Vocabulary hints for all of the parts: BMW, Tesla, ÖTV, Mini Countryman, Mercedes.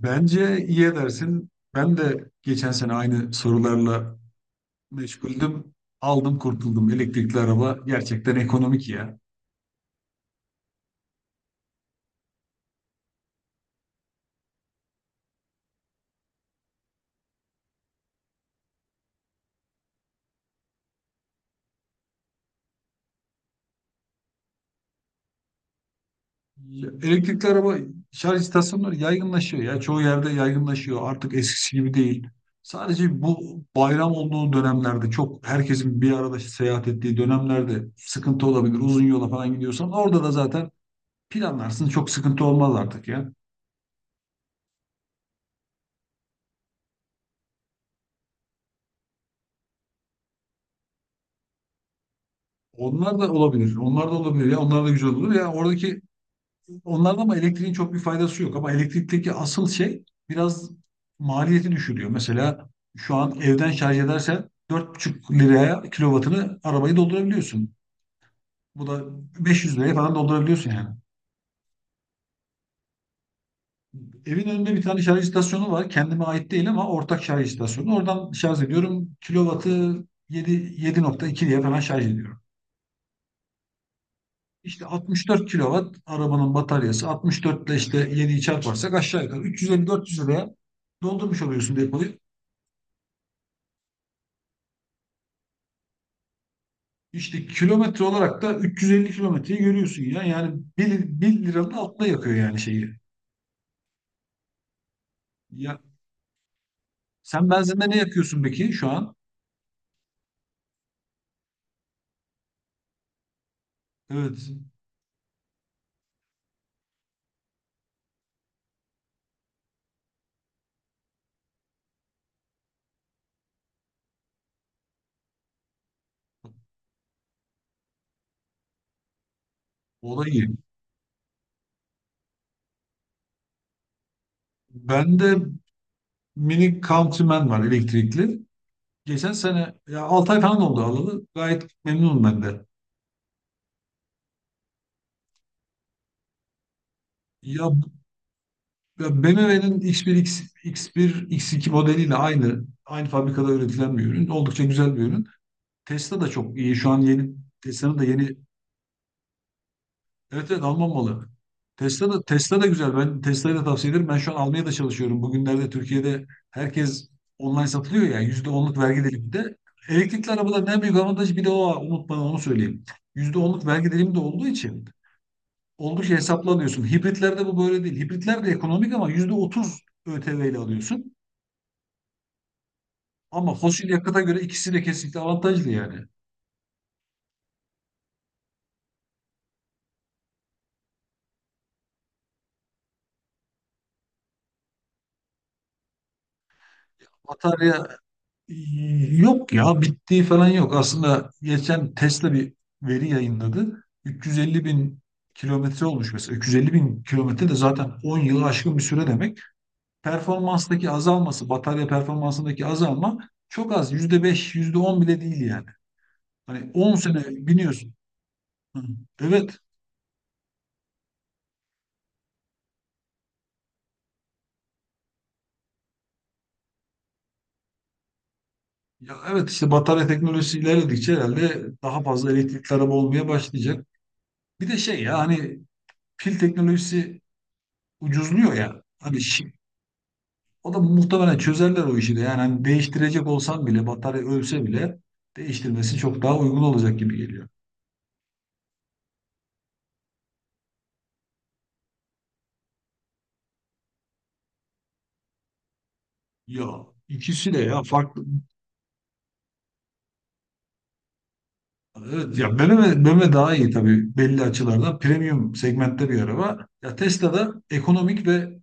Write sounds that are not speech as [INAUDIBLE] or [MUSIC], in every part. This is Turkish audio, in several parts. Bence iyi edersin. Ben de geçen sene aynı sorularla meşguldüm. Aldım kurtuldum. Elektrikli araba gerçekten ekonomik ya. Ya, elektrikli araba şarj istasyonları yaygınlaşıyor ya. Çoğu yerde yaygınlaşıyor. Artık eskisi gibi değil. Sadece bu bayram olduğu dönemlerde çok herkesin bir arada seyahat ettiği dönemlerde sıkıntı olabilir. Uzun yola falan gidiyorsan orada da zaten planlarsın. Çok sıkıntı olmaz artık ya. Onlar da olabilir. Onlar da olabilir ya. Onlar da güzel olur ya. Onlarda ama elektriğin çok bir faydası yok. Ama elektrikteki asıl şey biraz maliyeti düşürüyor. Mesela şu an evden şarj edersen 4,5 liraya kilovatını arabayı doldurabiliyorsun. Bu da 500 liraya falan doldurabiliyorsun yani. Evin önünde bir tane şarj istasyonu var. Kendime ait değil ama ortak şarj istasyonu. Oradan şarj ediyorum. Kilovatı 7, 7,2 diye falan şarj ediyorum. İşte 64 kilovat arabanın bataryası. 64 ile işte 7'yi çarparsak aşağı yukarı 350-400 liraya doldurmuş oluyorsun depoyu. İşte kilometre olarak da 350 kilometreyi görüyorsun ya. Yani 1 liranın altında yakıyor yani şeyi. Ya sen benzinde ne yakıyorsun peki şu an? Evet. O da iyi. Bende mini Countryman var elektrikli. Geçen sene ya 6 ay falan oldu alalı. Gayet memnunum ben de. Ya, ya BMW'nin X1, X2 modeliyle aynı fabrikada üretilen bir ürün. Oldukça güzel bir ürün. Tesla da çok iyi. Şu an yeni Tesla'nın da yeni Evet evet Alman malı. Tesla da, Tesla da güzel. Ben Tesla'yı da tavsiye ederim. Ben şu an almaya da çalışıyorum. Bugünlerde Türkiye'de herkes online satılıyor ya. %10'luk vergi diliminde. Elektrikli arabaların en büyük avantajı bir de o. Unutma onu söyleyeyim. %10'luk vergi dilimi de olduğu için oldukça hesaplı alıyorsun. Hibritlerde bu böyle değil. Hibritler de ekonomik ama %30 ÖTV ile alıyorsun. Ama fosil yakıta göre ikisi de kesinlikle avantajlı yani. Batarya Yok ya bittiği falan yok. Aslında geçen Tesla bir veri yayınladı. 350 bin kilometre olmuş mesela. 350 bin kilometre de zaten 10 yılı aşkın bir süre demek. Performanstaki azalması, batarya performansındaki azalma çok az. %5 yüzde on bile değil yani. Hani 10 sene biniyorsun. Hı. Evet. Ya evet işte batarya teknolojisi ilerledikçe herhalde daha fazla elektrikli araba olmaya başlayacak. Bir de şey ya hani pil teknolojisi ucuzluyor ya. O da muhtemelen çözerler o işi de. Yani hani değiştirecek olsan bile batarya ölse bile değiştirmesi çok daha uygun olacak gibi geliyor. Ya ikisi de ya farklı. Evet, ya BMW daha iyi tabii belli açılarda. Premium segmentte bir araba. Ya Tesla da ekonomik ve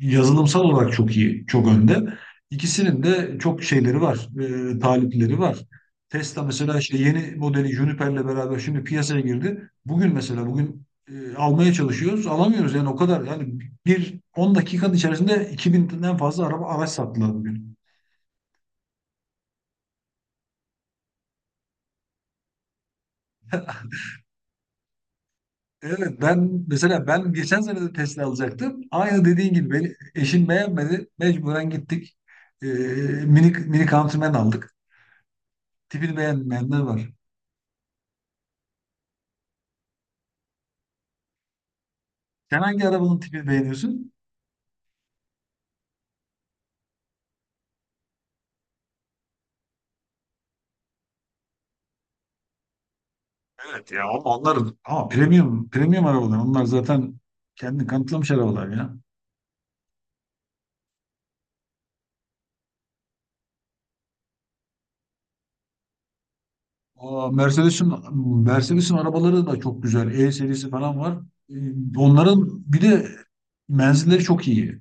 yazılımsal olarak çok iyi, çok önde. İkisinin de çok şeyleri var, talipleri var. Tesla mesela işte yeni modeli Juniper'le beraber şimdi piyasaya girdi. Bugün mesela bugün almaya çalışıyoruz, alamıyoruz yani o kadar. Yani bir 10 dakikanın içerisinde 2000'den fazla araç sattılar bugün. Evet, ben mesela geçen sene de Tesla alacaktım. Aynı dediğin gibi beni, eşim beğenmedi. Mecburen gittik. Ee, mini Countryman aldık. Tipini beğenmeyenler var. Sen hangi arabanın tipini beğeniyorsun? Evet ya ama onlar ama premium arabalar. Onlar zaten kendini kanıtlamış arabalar ya. Aa, Mercedes'in arabaları da çok güzel. E serisi falan var. Onların bir de menzilleri çok iyi.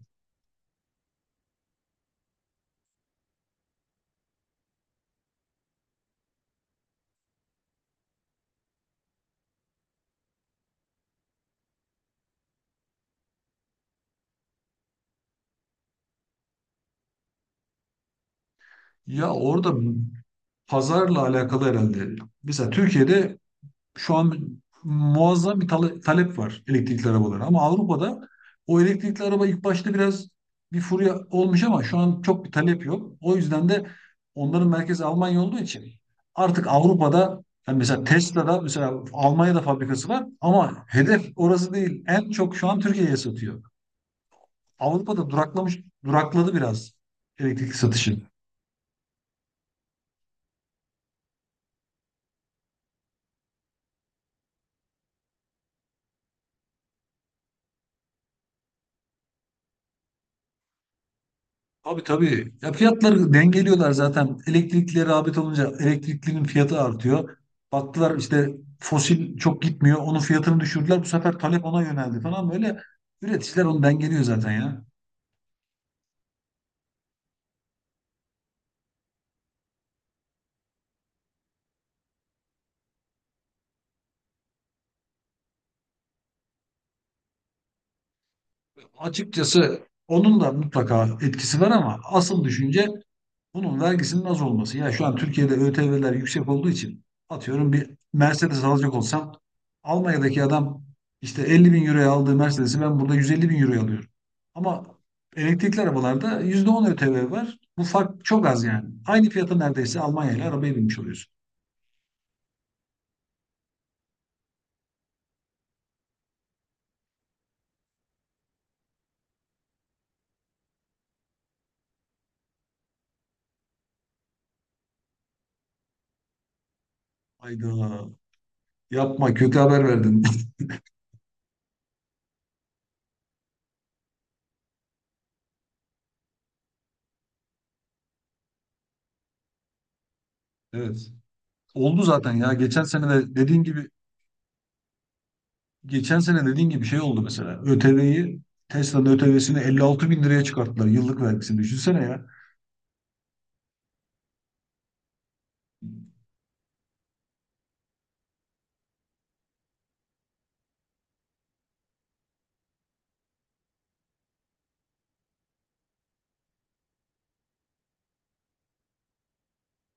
Ya orada pazarla alakalı herhalde. Mesela Türkiye'de şu an muazzam bir talep var elektrikli arabalara. Ama Avrupa'da o elektrikli araba ilk başta biraz bir furya olmuş ama şu an çok bir talep yok. O yüzden de onların merkezi Almanya olduğu için artık Avrupa'da yani mesela Tesla'da mesela Almanya'da fabrikası var ama hedef orası değil. En çok şu an Türkiye'ye satıyor. Avrupa'da durakladı biraz elektrikli satışı. Abi tabii. Ya fiyatları dengeliyorlar zaten. Elektrikli rağbet olunca elektriklinin fiyatı artıyor. Baktılar işte fosil çok gitmiyor. Onun fiyatını düşürdüler. Bu sefer talep ona yöneldi falan. Böyle üreticiler onu dengeliyor zaten ya. Açıkçası onun da mutlaka etkisi var ama asıl düşünce bunun vergisinin az olması. Ya şu an Türkiye'de ÖTV'ler yüksek olduğu için atıyorum bir Mercedes alacak olsam Almanya'daki adam işte 50 bin euroya aldığı Mercedes'i ben burada 150 bin euroya alıyorum. Ama elektrikli arabalarda %10 ÖTV var. Bu fark çok az yani. Aynı fiyata neredeyse Almanya ile arabaya binmiş oluyorsun. Hayda, yapma kötü haber verdin. [LAUGHS] Evet. Oldu zaten ya. Geçen sene de dediğin gibi geçen sene dediğin gibi şey oldu mesela. Tesla'nın ÖTV'sini 56 bin liraya çıkarttılar. Yıllık vergisini düşünsene ya.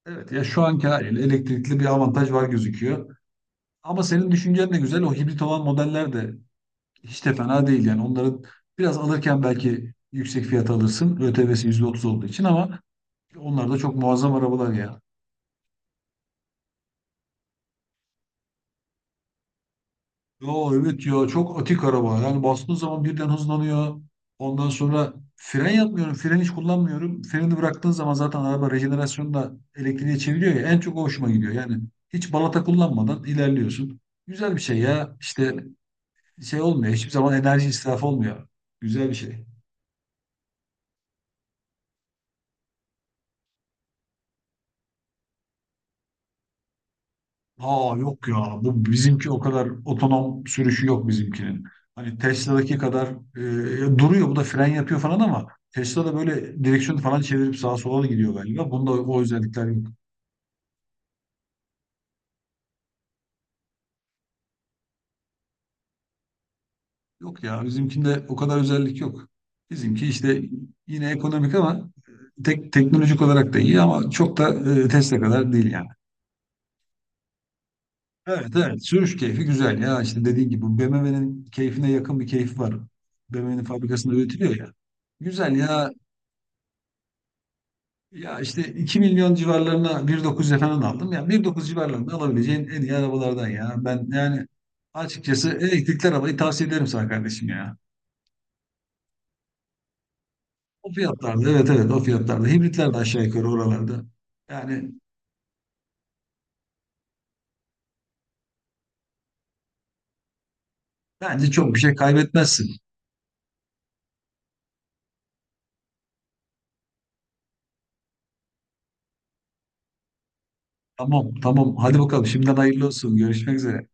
Evet ya şu anki haliyle elektrikli bir avantaj var gözüküyor. Ama senin düşüncen de güzel. O hibrit olan modeller de hiç de fena değil yani. Onların biraz alırken belki yüksek fiyat alırsın. ÖTV'si %30 olduğu için ama onlar da çok muazzam arabalar ya. Ya evet ya çok atik araba. Yani bastığın zaman birden hızlanıyor. Ondan sonra fren yapmıyorum. Fren hiç kullanmıyorum. Freni bıraktığın zaman zaten araba rejenerasyonu da elektriğe çeviriyor ya. En çok o hoşuma gidiyor. Yani hiç balata kullanmadan ilerliyorsun. Güzel bir şey ya. İşte şey olmuyor. Hiçbir zaman enerji israfı olmuyor. Güzel bir şey. Aa, yok ya. Bu bizimki o kadar otonom sürüşü yok bizimkinin. Hani Tesla'daki kadar duruyor, bu da fren yapıyor falan ama Tesla'da böyle direksiyonu falan çevirip sağa sola da gidiyor galiba. Bunda o özellikler yok. Yok ya bizimkinde o kadar özellik yok. Bizimki işte yine ekonomik ama teknolojik olarak da iyi ama çok da Tesla kadar değil yani. Evet evet sürüş keyfi güzel ya işte dediğin gibi BMW'nin keyfine yakın bir keyfi var. BMW'nin fabrikasında üretiliyor ya. Güzel ya. Ya işte 2 milyon civarlarına 1,9'a falan aldım. Ya bir dokuz civarlarında alabileceğin en iyi arabalardan ya. Ben yani açıkçası elektrikli arabayı tavsiye ederim sana kardeşim ya. O fiyatlarda evet evet o fiyatlarda. Hibritler de aşağı yukarı oralarda. Yani bence çok bir şey kaybetmezsin. Tamam tamam hadi bakalım şimdiden hayırlı olsun. Görüşmek üzere.